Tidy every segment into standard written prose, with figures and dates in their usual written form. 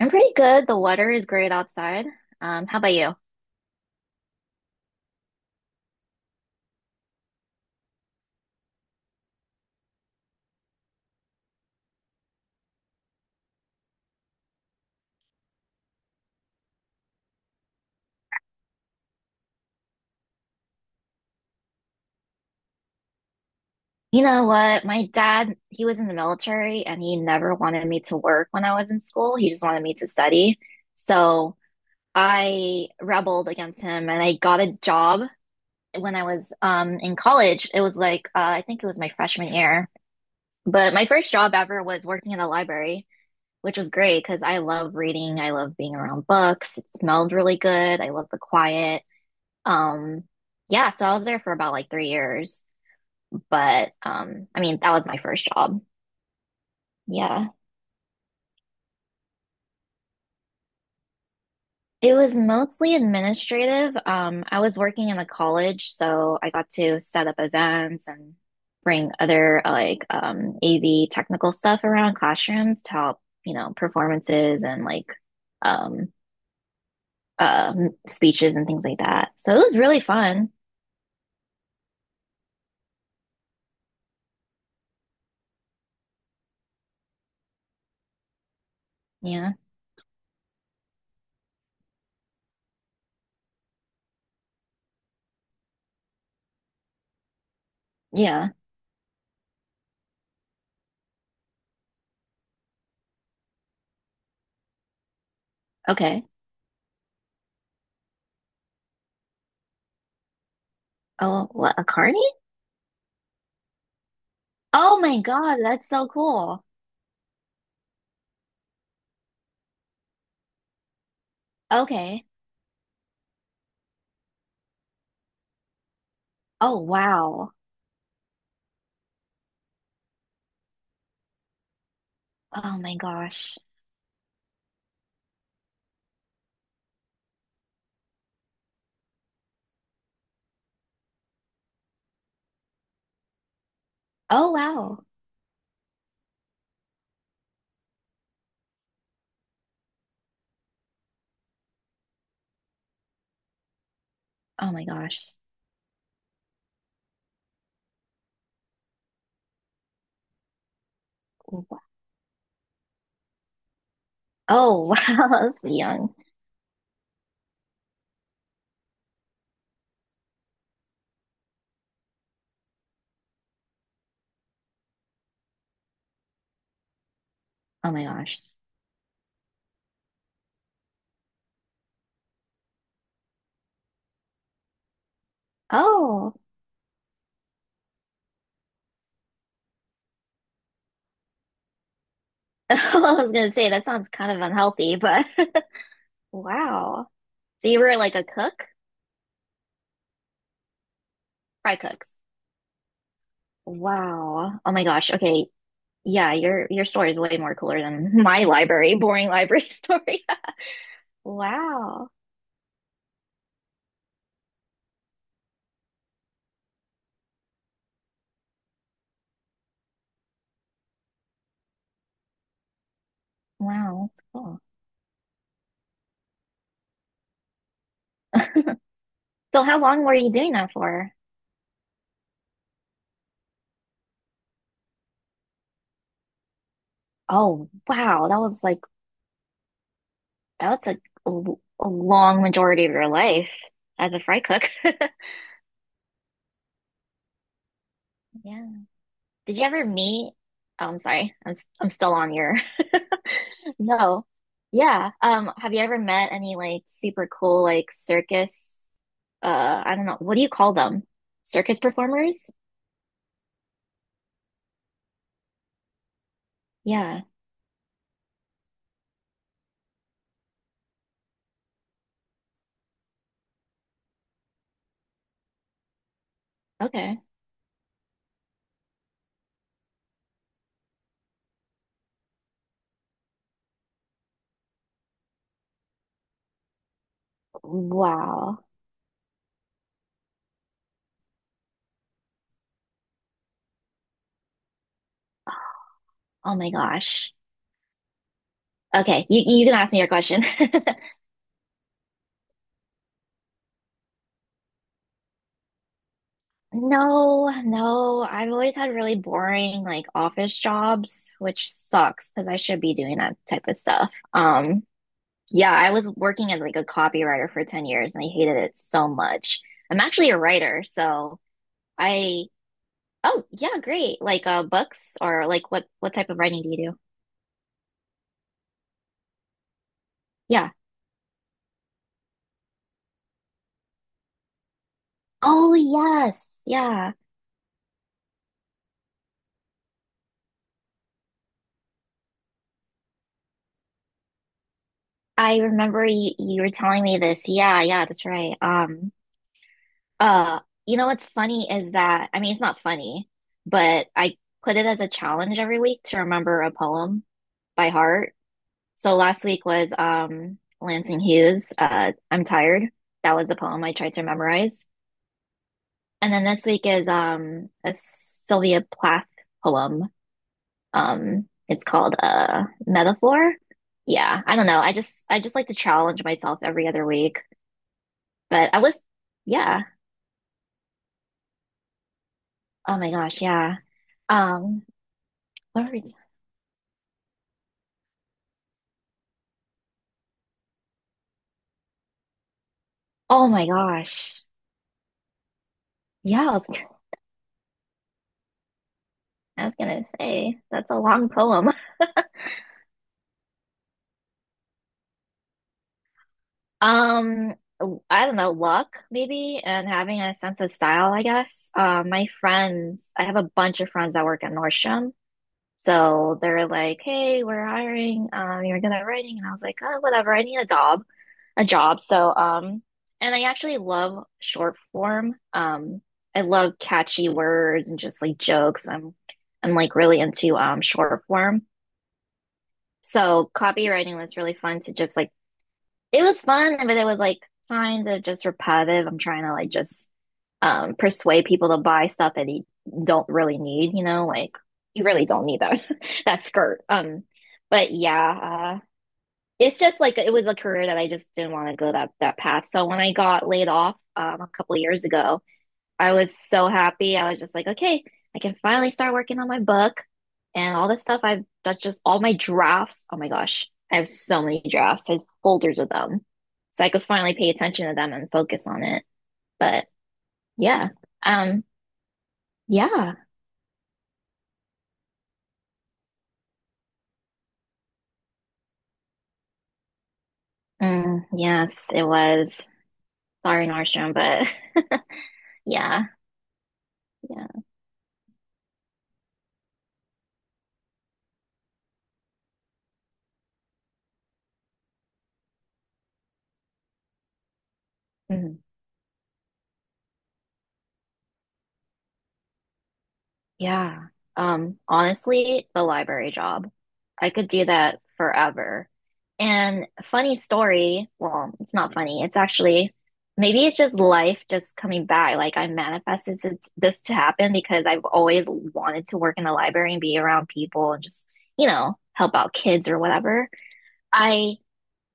I'm pretty good. The weather is great outside. How about you? You know what? My dad, he was in the military and he never wanted me to work when I was in school. He just wanted me to study. So I rebelled against him and I got a job when I was in college. It was like, I think it was my freshman year. But my first job ever was working in a library, which was great because I love reading. I love being around books. It smelled really good. I love the quiet. Um, yeah, so I was there for about like 3 years, but I mean, that was my first job. Yeah. It was mostly administrative. I was working in a college, so I got to set up events and bring other like AV technical stuff around classrooms to help, performances and like um speeches and things like that. So it was really fun. Yeah. Yeah. Okay. Oh, what, a carny? Oh my God, that's so cool. Okay. Oh wow. Oh my gosh. Oh wow. Oh my gosh. Wa- Oh wow, that's young. Oh my gosh. Oh. I was gonna say that sounds kind of unhealthy, but wow. So you were like a cook? Fry cooks. Wow. Oh my gosh. Okay. Yeah, your story is way more cooler than my library, boring library story. Wow. Wow, that's cool. So how long were you doing that for? Oh, wow. That was like that's a long majority of your life as a fry cook. Yeah. Did you ever meet? Oh, I'm sorry. I'm still on your. No. Yeah. Have you ever met any like super cool like circus I don't know, what do you call them? Circus performers? Yeah. Okay. Wow. Oh my gosh. Okay, you can ask me your question. No, no. I've always had really boring like office jobs, which sucks because I should be doing that type of stuff. Yeah, I was working as like a copywriter for 10 years and I hated it so much. I'm actually a writer, so I oh, yeah, great. Like books or like what type of writing do you do? Yeah. Oh, yes. Yeah. I remember you were telling me this. Yeah, yeah, that's right. Uh, you know what's funny is that, I mean, it's not funny, but I put it as a challenge every week to remember a poem by heart. So last week was Lansing Hughes, I'm Tired. That was the poem I tried to memorize. And then this week is a Sylvia Plath poem. It's called Metaphor. Yeah, I don't know. I just like to challenge myself every other week. But I was yeah. Oh my gosh, yeah. Um, what were we oh my gosh. Yeah, I was gonna say that's a long poem. Um, I don't know, luck maybe, and having a sense of style, I guess. My friends, I have a bunch of friends that work at Nordstrom, so they're like, "Hey, we're hiring. You're good at writing," and I was like, "Oh, whatever. I need a job, a job." So, and I actually love short form. I love catchy words and just like jokes. I'm like really into short form. So copywriting was really fun to just like it was fun, but it was like kind of just repetitive. I'm trying to like just persuade people to buy stuff that they don't really need, like you really don't need that that skirt. But yeah, it's just like it was a career that I just didn't want to go that path. So when I got laid off a couple of years ago, I was so happy. I was just like, okay, I can finally start working on my book and all this stuff I've that's just all my drafts. Oh my gosh, I have so many drafts. I have folders of them. So I could finally pay attention to them and focus on it. But yeah. Um yeah. Mm, yes, it was. Sorry, Nordstrom, but yeah. Yeah. Mhm. Yeah. Honestly, the library job. I could do that forever. And funny story, well, it's not funny. It's actually maybe it's just life just coming back. Like I manifested this to happen because I've always wanted to work in the library and be around people and just, you know, help out kids or whatever. I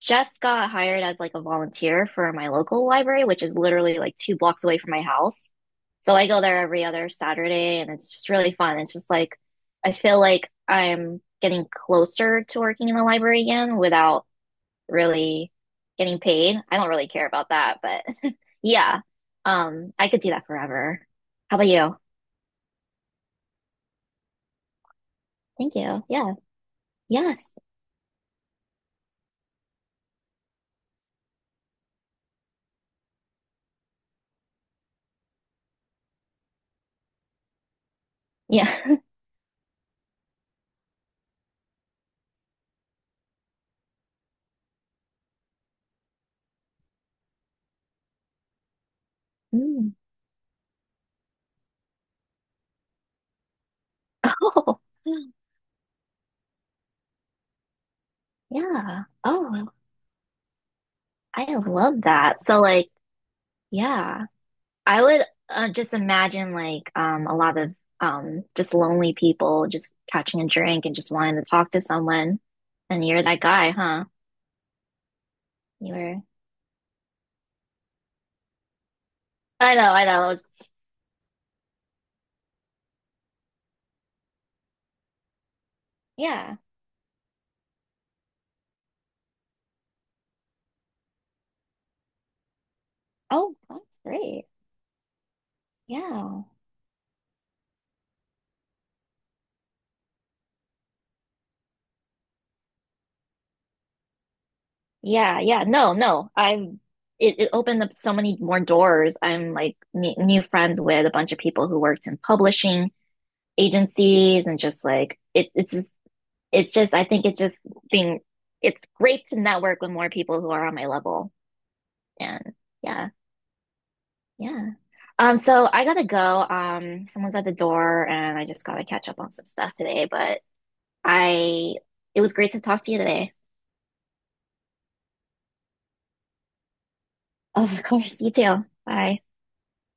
just got hired as like a volunteer for my local library, which is literally like two blocks away from my house. So I go there every other Saturday and it's just really fun. It's just like I feel like I'm getting closer to working in the library again without really getting paid. I don't really care about that, but yeah. I could do that forever. How about you? Thank you. Yeah. Yes. Yeah. Mm. Oh. Yeah. Oh, I love that. So like yeah. I would just imagine like a lot of just lonely people just catching a drink and just wanting to talk to someone. And you're that guy, huh? You were I know, I know. It's- yeah. Oh, that's great. Yeah. Yeah, yeah. No, no. I'm it, it opened up so many more doors. I'm like ne New friends with a bunch of people who worked in publishing agencies and just like it it's just I think it's just being it's great to network with more people who are on my level. And yeah, yeah. So I gotta go. Someone's at the door and I just gotta catch up on some stuff today, but I it was great to talk to you today. Oh of course, you too. Bye.